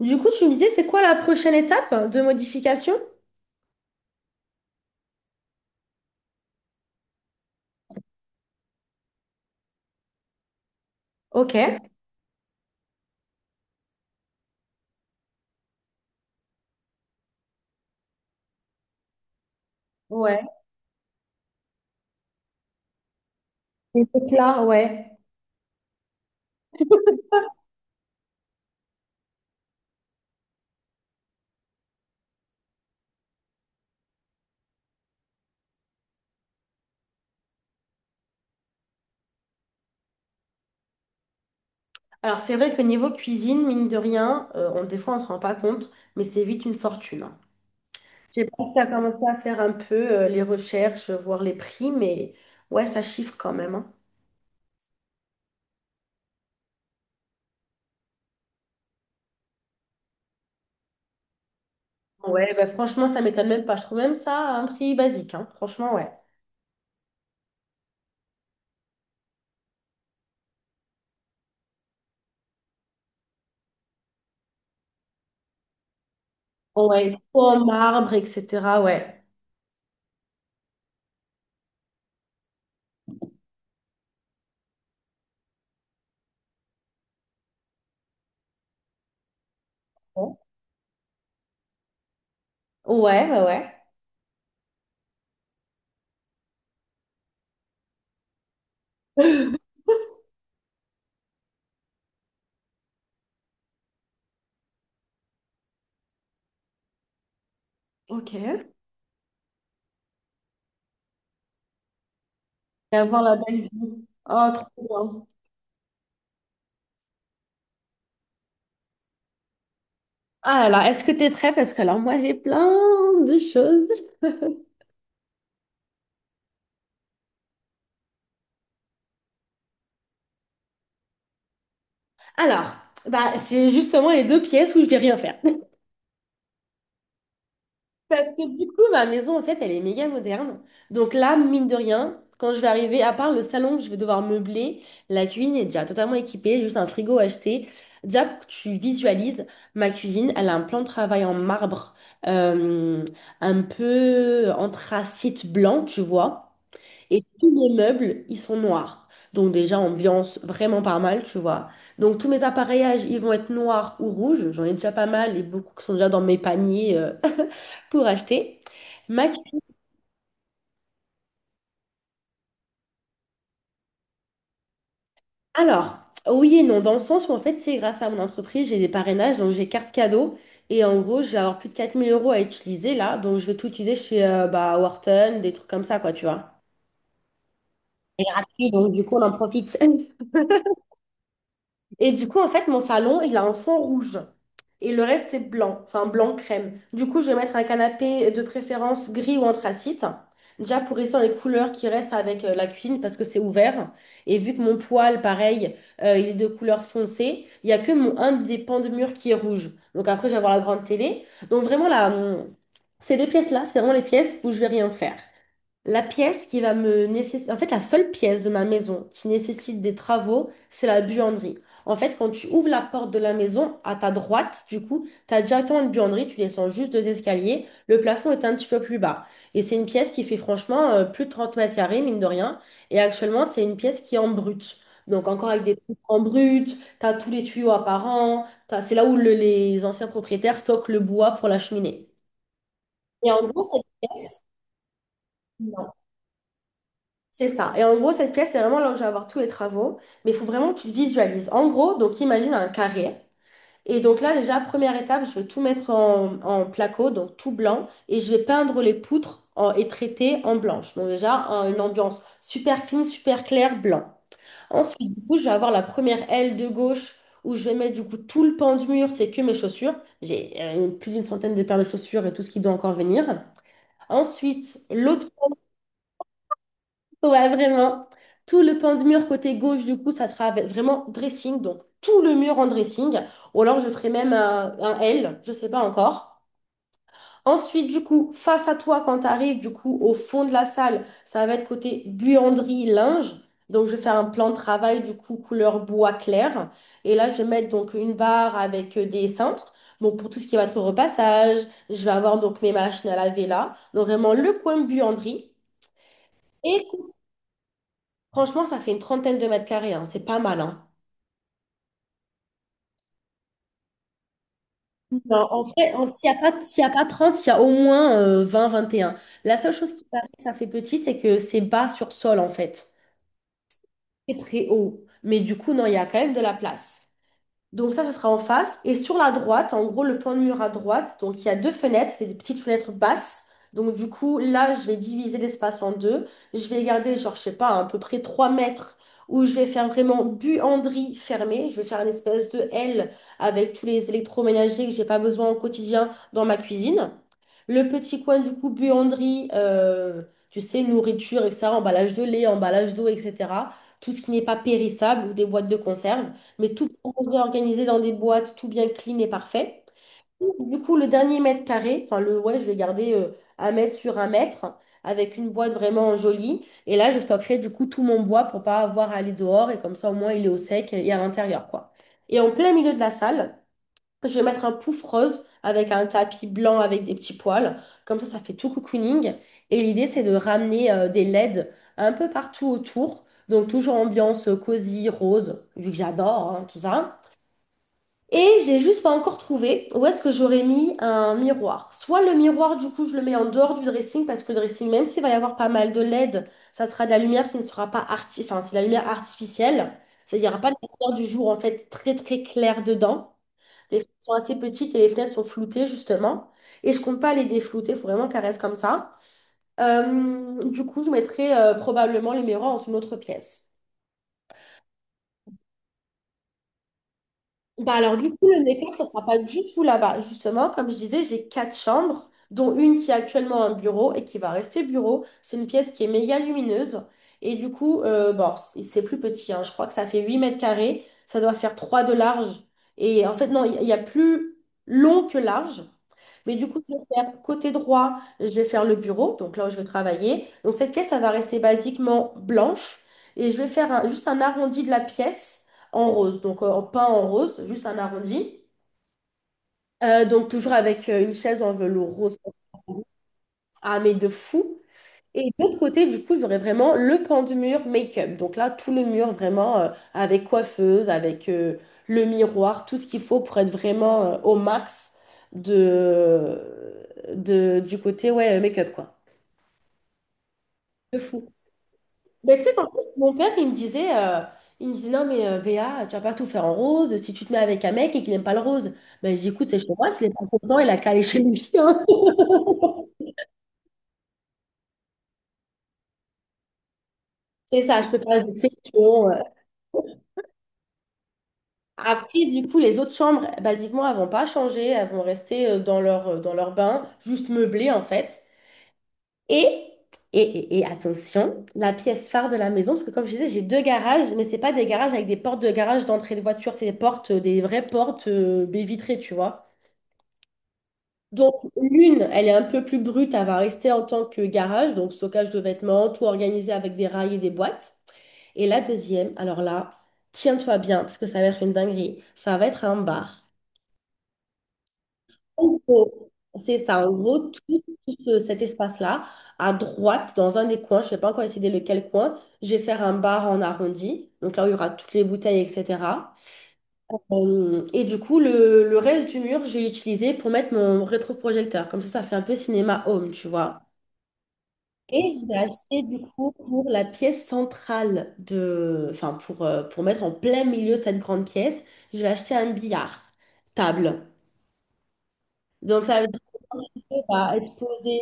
Du coup, tu me disais, c'est quoi la prochaine étape de modification? Ok. Ouais. Et donc là, ouais. Alors, c'est vrai que niveau cuisine, mine de rien, on, des fois, on se rend pas compte, mais c'est vite une fortune, hein. Je sais pas si tu as commencé à faire un peu les recherches, voir les prix, mais ouais, ça chiffre quand même, hein. Ouais, bah, franchement, ça m'étonne même pas. Je trouve même ça à un prix basique, hein. Franchement, ouais. Ouais, en marbre, etc. Ouais. Ouais, ouais, bah, ouais. Ok. Et avoir la belle vue. Oh, trop bien. Ah, alors, est-ce que tu es prêt? Parce que alors, moi, j'ai plein de choses. Alors, bah, c'est justement les deux pièces où je vais rien faire. Parce que du coup, ma maison, en fait, elle est méga moderne. Donc là, mine de rien, quand je vais arriver, à part le salon que je vais devoir meubler, la cuisine est déjà totalement équipée, juste un frigo acheté. Déjà, pour que tu visualises, ma cuisine, elle a un plan de travail en marbre, euh, un peu anthracite blanc, tu vois. Et tous les meubles, ils sont noirs. Donc déjà, ambiance vraiment pas mal, tu vois. Donc tous mes appareillages, ils vont être noirs ou rouges. J'en ai déjà pas mal et beaucoup qui sont déjà dans mes paniers pour acheter. Ma cu- Alors, oui et non, dans le sens où en fait, c'est grâce à mon entreprise, j'ai des parrainages, donc j'ai carte cadeau. Et en gros, je vais avoir plus de 4 000 euros à utiliser là. Donc je vais tout utiliser chez bah, Wharton, des trucs comme ça, quoi, tu vois. C'est gratuit, donc du coup, on en profite. Et du coup, en fait, mon salon, il a un fond rouge. Et le reste, c'est blanc, enfin blanc crème. Du coup, je vais mettre un canapé de préférence gris ou anthracite. Déjà pour rester dans les couleurs qui restent avec la cuisine parce que c'est ouvert. Et vu que mon poêle, pareil, il est de couleur foncée, il n'y a que mon, un des pans de mur qui est rouge. Donc après, je vais avoir la grande télé. Donc vraiment, là, ces deux pièces-là, c'est vraiment les pièces où je vais rien faire. La pièce qui va me nécessiter, en fait, la seule pièce de ma maison qui nécessite des travaux, c'est la buanderie. En fait, quand tu ouvres la porte de la maison, à ta droite, du coup, tu as directement une buanderie, tu descends juste deux escaliers, le plafond est un petit peu plus bas. Et c'est une pièce qui fait franchement plus de 30 mètres carrés, mine de rien. Et actuellement, c'est une pièce qui est en brut. Donc, encore avec des trucs en brut, tu as tous les tuyaux apparents, c'est là où les anciens propriétaires stockent le bois pour la cheminée. Et en gros, cette pièce, C'est ça. Et en gros, cette pièce, c'est vraiment là où je vais avoir tous les travaux. Mais il faut vraiment que tu le visualises. En gros, donc imagine un carré. Et donc là, déjà, première étape, je vais tout mettre en placo, donc tout blanc. Et je vais peindre les poutres et traiter en blanche. Donc déjà, une ambiance super clean, super claire, blanc. Ensuite, du coup, je vais avoir la première aile de gauche où je vais mettre du coup tout le pan du mur, c'est que mes chaussures. J'ai plus d'une centaine de paires de chaussures et tout ce qui doit encore venir. Ensuite, l'autre Ouais, vraiment. Tout le pan de mur côté gauche, du coup, ça sera vraiment dressing. Donc, tout le mur en dressing. Ou alors, je ferai même un L, je sais pas encore. Ensuite, du coup, face à toi, quand tu arrives, du coup, au fond de la salle, ça va être côté buanderie, linge. Donc, je vais faire un plan de travail, du coup, couleur bois clair. Et là, je vais mettre donc une barre avec des cintres. Donc, pour tout ce qui va être repassage, je vais avoir donc mes machines à laver là. Donc, vraiment, le coin buanderie. Franchement, ça fait une trentaine de mètres carrés, hein, c'est pas mal, hein. Non, en vrai, s'il y a pas 30, il y a au moins 20, 21. La seule chose qui paraît que ça fait petit, c'est que c'est bas sur sol, en fait. C'est très haut. Mais du coup, non, il y a quand même de la place. Donc ça sera en face. Et sur la droite, en gros, le plan de mur à droite, donc il y a deux fenêtres, c'est des petites fenêtres basses. Donc du coup, là, je vais diviser l'espace en deux. Je vais garder, genre, je sais pas, à peu près 3 mètres où je vais faire vraiment buanderie fermée. Je vais faire une espèce de L avec tous les électroménagers que j'ai pas besoin au quotidien dans ma cuisine. Le petit coin du coup, buanderie, tu sais, nourriture, etc., emballage de lait, emballage d'eau, etc. Tout ce qui n'est pas périssable ou des boîtes de conserve, mais tout bien organisé dans des boîtes, tout bien clean et parfait. Du coup, le dernier mètre carré, enfin le ouais, je vais garder un mètre sur un mètre avec une boîte vraiment jolie. Et là, je stockerai du coup tout mon bois pour pas avoir à aller dehors et comme ça au moins il est au sec et à l'intérieur quoi. Et en plein milieu de la salle, je vais mettre un pouf rose avec un tapis blanc avec des petits poils. Comme ça fait tout cocooning. Et l'idée, c'est de ramener des LED un peu partout autour. Donc, toujours ambiance cosy, rose, vu que j'adore hein, tout ça. Et j'ai juste pas encore trouvé où est-ce que j'aurais mis un miroir. Soit le miroir, du coup, je le mets en dehors du dressing parce que le dressing, même s'il va y avoir pas mal de LED, ça sera de la lumière qui ne sera pas enfin, c'est de la lumière artificielle. C'est-à-dire, il n'y aura pas de lumière du jour, en fait, très, très claire dedans. Les fenêtres sont assez petites et les fenêtres sont floutées, justement. Et je compte pas les déflouter, il faut vraiment qu'elles restent comme ça. Du coup, je mettrai probablement les miroirs dans une autre pièce. Bah alors du coup, le make-up, ça sera pas du tout là-bas. Justement, comme je disais, j'ai quatre chambres, dont une qui est actuellement un bureau et qui va rester bureau. C'est une pièce qui est méga lumineuse. Et du coup, bon, c'est plus petit, hein. Je crois que ça fait 8 mètres carrés. Ça doit faire 3 de large. Et en fait, non, il y a plus long que large. Mais du coup, je vais faire côté droit, je vais faire le bureau, donc là où je vais travailler. Donc cette pièce, elle va rester basiquement blanche. Et je vais faire juste un arrondi de la pièce en rose, donc pas en rose, juste un arrondi. Donc toujours avec une chaise en velours rose, ah mais de fou. Et de l'autre côté, du coup, j'aurais vraiment le pan du mur make-up. Donc là, tout le mur vraiment avec coiffeuse, avec le miroir, tout ce qu'il faut pour être vraiment au max de, du côté ouais, make-up quoi. De fou. Mais tu sais qu'en plus, mon père, il me disait, il me disait, non, mais Béa, tu vas pas tout faire en rose si tu te mets avec un mec et qu'il n'aime pas le rose. Ben, je dis, écoute, c'est chez moi, s'il est pas content, il a qu'à aller chez lui, hein. C'est ça, je peux faire des exceptions. Après, du coup, les autres chambres, basiquement, elles vont pas changer, elles vont rester dans leur bain, juste meublées, en fait. Et, et attention, la pièce phare de la maison, parce que comme je disais, j'ai deux garages, mais c'est pas des garages avec des portes de garage d'entrée de voiture, c'est des portes, des vraies portes, baies vitrées, tu vois. Donc, l'une, elle est un peu plus brute, elle va rester en tant que garage, donc stockage de vêtements, tout organisé avec des rails et des boîtes. Et la deuxième, alors là, tiens-toi bien, parce que ça va être une dinguerie, ça va être un bar. En gros, C'est ça, en gros, tout cet espace-là, à droite, dans un des coins, je ne sais pas encore décidé lequel coin, je vais faire un bar en arrondi, donc là où il y aura toutes les bouteilles, etc. Et du coup, le reste du mur, je vais l'utiliser pour mettre mon rétroprojecteur. Comme ça fait un peu cinéma home, tu vois. Et je l'ai acheté du coup pour la pièce centrale enfin pour mettre en plein milieu de cette grande pièce, je vais acheter un billard table. Donc ça veut dire que quand tu vas être posé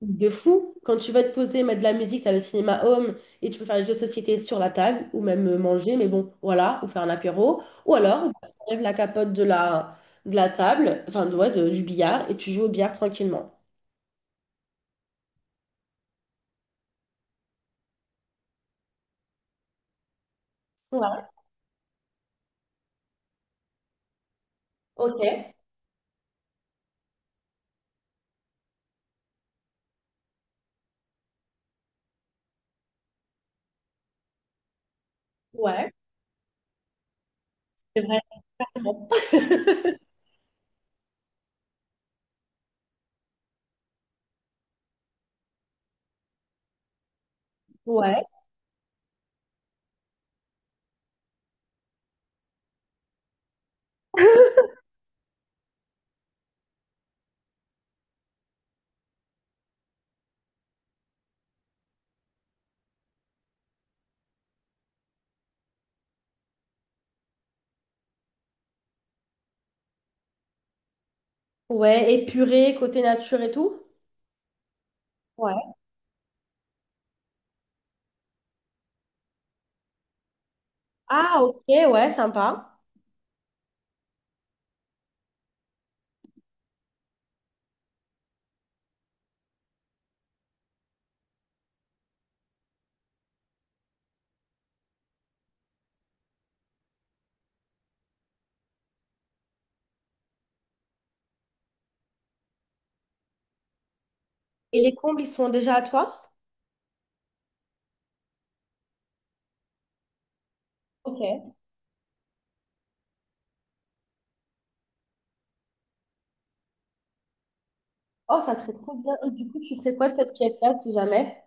de fou, quand tu vas te poser, mettre de la musique, tu as le cinéma home et tu peux faire des jeux de société sur la table ou même manger, mais bon, voilà, ou faire un apéro. Ou alors, bah, tu enlèves la capote de la table, du billard et tu joues au billard tranquillement. Ouais, ok, ouais, c'est vrai. Ouais. Ouais, épuré, côté nature et tout. Ouais. Ah, ok, ouais, sympa. Et les combles, ils sont déjà à toi? Ok. Oh, ça serait trop bien. Et du coup, tu ferais quoi de cette pièce-là, si jamais?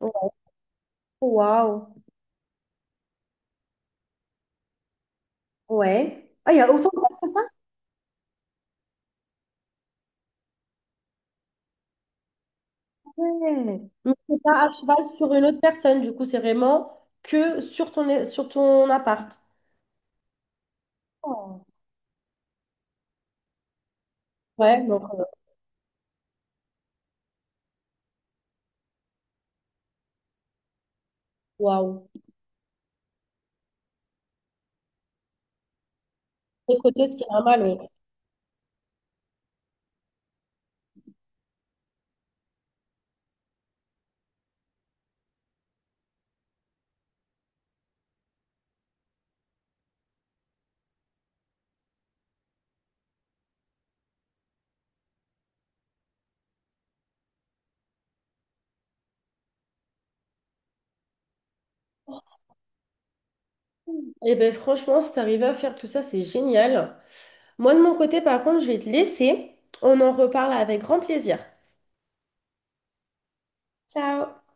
Ouais. Waouh. Ouais. Ah, il y a autant de place que ça? Ouais. Mais c'est pas à cheval sur une autre personne, du coup, c'est vraiment que sur ton appart. Oh. Ouais, donc, waouh. Écoutez, ce qui est normal, oui. Eh ben franchement, si t'arrives à faire tout ça, c'est génial. Moi, de mon côté, par contre, je vais te laisser. On en reparle avec grand plaisir. Ciao!